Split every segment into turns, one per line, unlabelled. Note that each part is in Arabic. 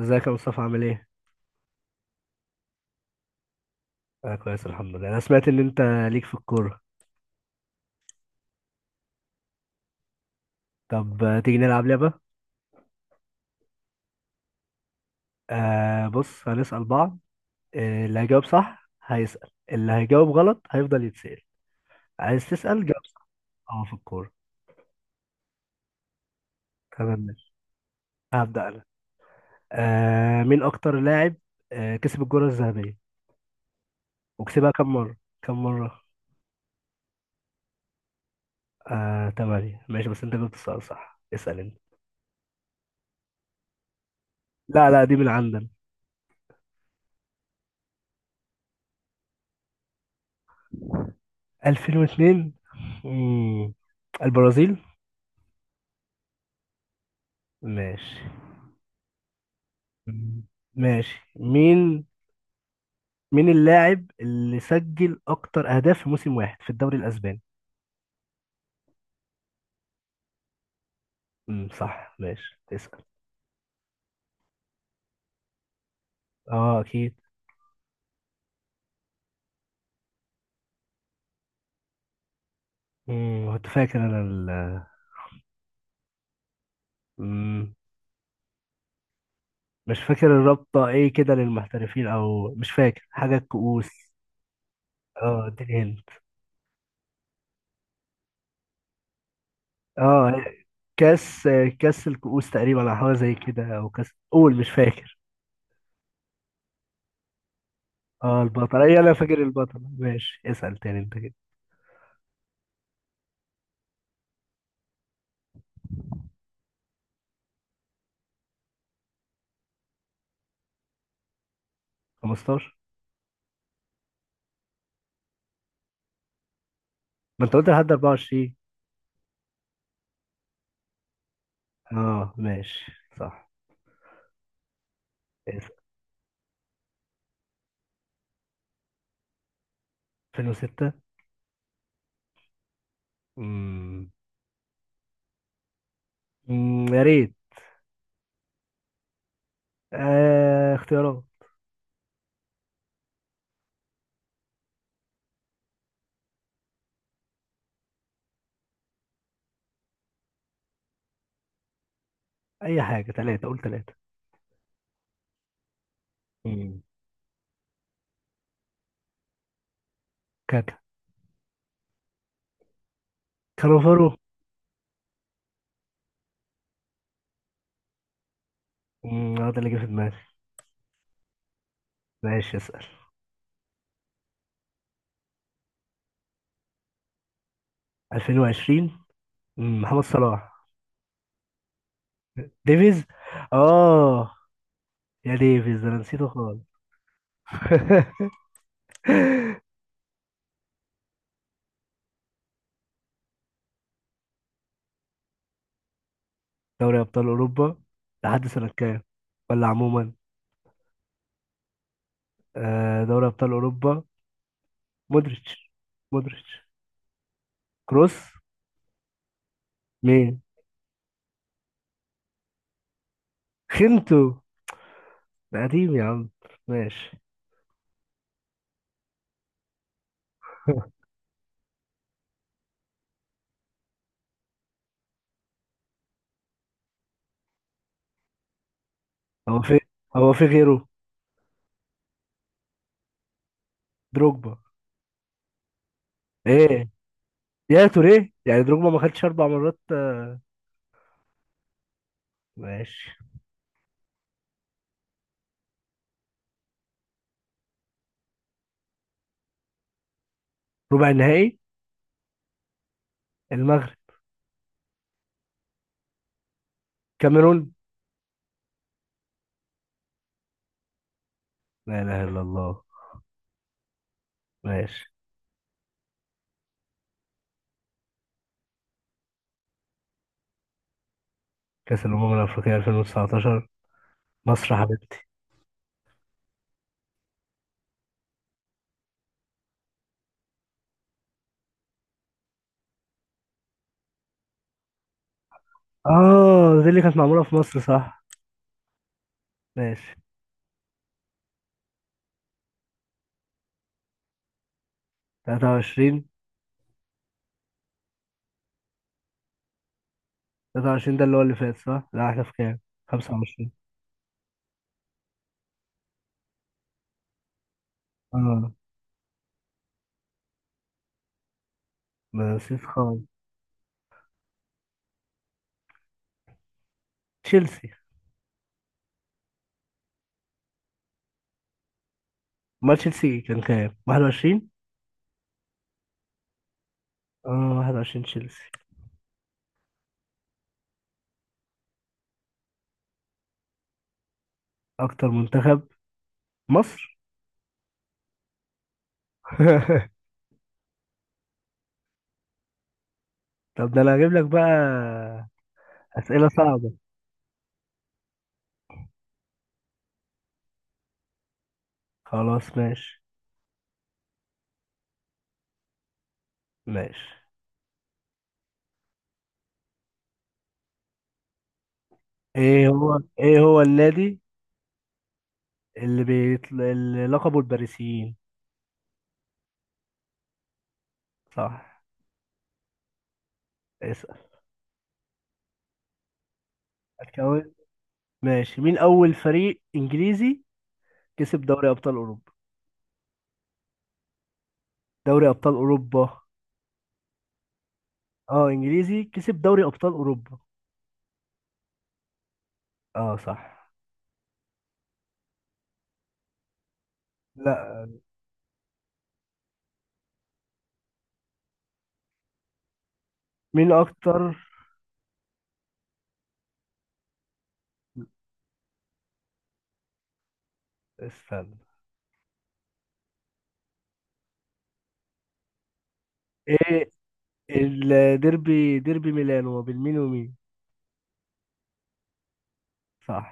ازيك يا مصطفى عامل ايه؟ انا كويس الحمد لله. انا سمعت ان انت ليك في الكورة. طب تيجي نلعب لعبة. بص هنسأل بعض. اللي هيجاوب صح هيسأل، اللي هيجاوب غلط هيفضل يتسأل. عايز تسأل جاوب صح. اه في الكورة. تمام ماشي. هبدأ انا. مين اكتر لاعب كسب الكرة الذهبية؟ وكسبها كم مرة؟ كم مرة؟ تمانية. ماشي، بس انت جبت السؤال صح، اسأل انت. لا لا، دي من عندنا. 2002. مم. البرازيل. ماشي. ماشي. مين اللاعب اللي سجل اكتر اهداف في موسم واحد في الدوري الاسباني؟ صح ماشي، تسأل. اه اكيد. كنت فاكر انا ال... مم. مش فاكر الرابطة ايه كده للمحترفين، او مش فاكر حاجة الكؤوس. اه اديني هند. اه كاس كاس الكؤوس تقريبا، او حاجة زي كده، او كاس. قول مش فاكر. اه البطل، اي انا فاكر البطل. ماشي اسأل تاني انت كده. 15. ما انت قلت لحد 24. اه ماشي. صح. اسأل. 2006. امم يا ريت. اختيارات. اي حاجة ثلاثة، قول ثلاثة. امم كاكا. كالوفارو. هو ده اللي جه في دماغي. ماشي اسأل. 2020. محمد صلاح. ديفيز. اه يا ديفيز، ده انا نسيته خالص. دوري ابطال اوروبا. لحد سنة كام؟ ولا عموما؟ دوري ابطال اوروبا. مودريتش. مودريتش. كروس. مين؟ خنتو؟ ده قديم يا عم. ماشي. هو في هو في غيره؟ دروجبا. ايه. يا توريه؟ يعني دروجبا ما خدش اربع مرات. ماشي. ربع النهائي. المغرب. كاميرون. لا اله الا الله. ماشي. كاس الامم الافريقيه 2019. مصر حبيبتي. اه دي اللي كانت معموله في مصر، صح. ماشي. 23. 23 ده اللي هو اللي فات صح؟ لا احنا في كام؟ 25. اه ما نسيت خالص. تشيلسي. ما تشيلسي كان كام؟ 21؟ اه 21 تشيلسي. اكتر منتخب. مصر. طب ده انا هجيب لك بقى اسئله صعبه. خلاص ماشي. ماشي. ايه هو النادي اللي لقبه الباريسيين؟ صح. اسال. هتكون. ماشي، مين اول فريق انجليزي كسب دوري ابطال اوروبا؟ دوري ابطال اوروبا. اه انجليزي كسب دوري ابطال اوروبا. اه صح. لا. مين اكتر استنى. ايه ديربي ميلانو ما بين مين ومين؟ صح.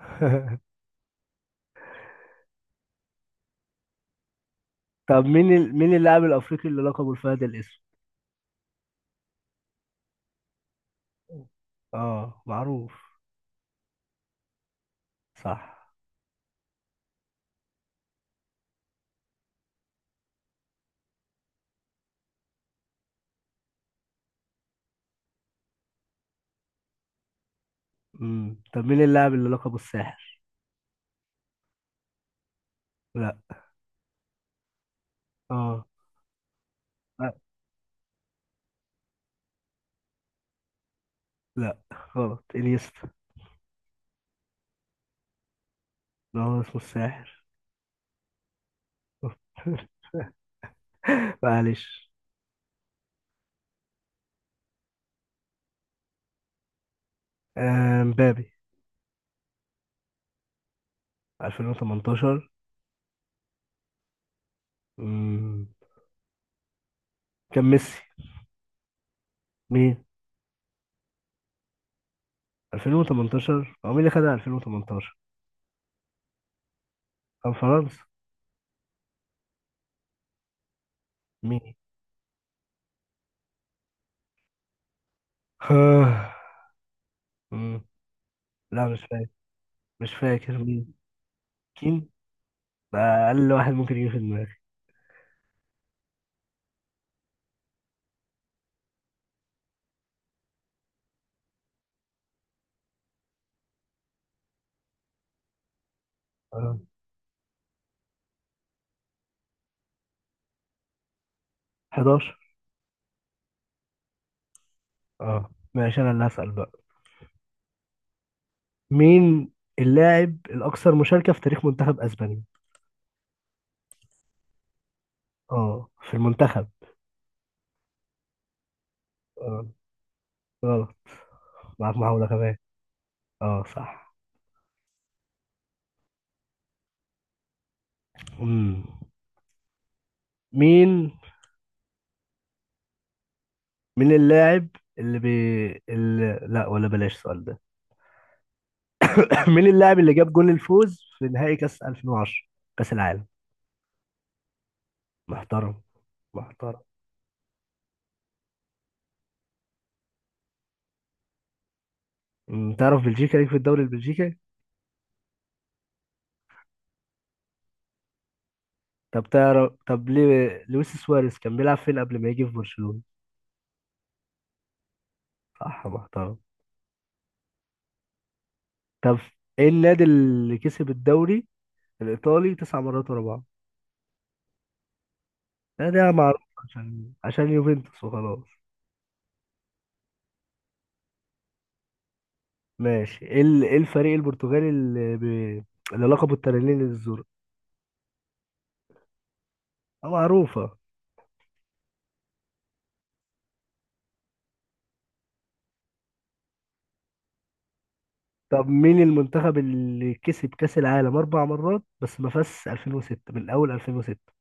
طب مين اللاعب الافريقي اللي لقبه الفهد الاسود؟ اه معروف. صح. طب مين اللاعب اللي لقبه الساحر؟ لا. اه. لا. لا غلط. انيستا. ده هو اسمه الساحر. معلش. مبابي. 2018. امم كان ميسي. مين؟ 2018 هو مين اللي خدها 2018؟ كان فرنسا. مين؟ آه، مم. لا مش فاكر. مش فاكر مين. كين. ده اقل واحد ممكن يجي في دماغي. اه. 11. اه ماشي انا اللي هسأل بقى. مين اللاعب الاكثر مشاركة في تاريخ منتخب اسبانيا؟ اه في المنتخب. اه. غلط. معاك محاولة كمان. اه صح. مم. مين؟ مين اللاعب اللي بي... اللي... لا، ولا بلاش السؤال ده. مين اللاعب اللي جاب جول الفوز في نهائي كاس 2010؟ كاس العالم. محترم. محترم. تعرف بلجيكا ليك في الدوري البلجيكي؟ طب تعرف. طب ليه لويس سواريز كان بيلعب فين قبل ما يجي في برشلونة؟ صح محترم. طب ايه النادي اللي كسب الدوري الايطالي تسع مرات ورا بعض؟ ده معروف عشان يوفنتوس وخلاص. ماشي إيه الفريق البرتغالي اللي لقبه التنانين الزرق؟ معروفة. طب مين المنتخب اللي كسب كأس العالم أربع مرات بس ما فازش 2006 من أول 2006؟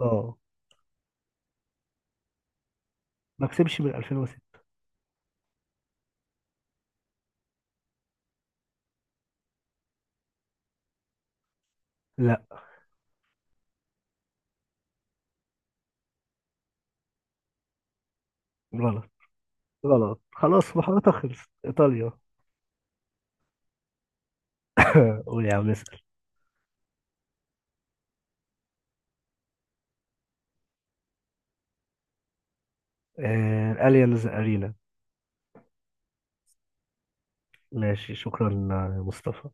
اه ما كسبش من 2006. لا. غلط. غلط. خلاص محاولتها خلصت. إيطاليا. قول يا عم اسأل. الأليانز أرينا. ماشي، شكرا يا مصطفى.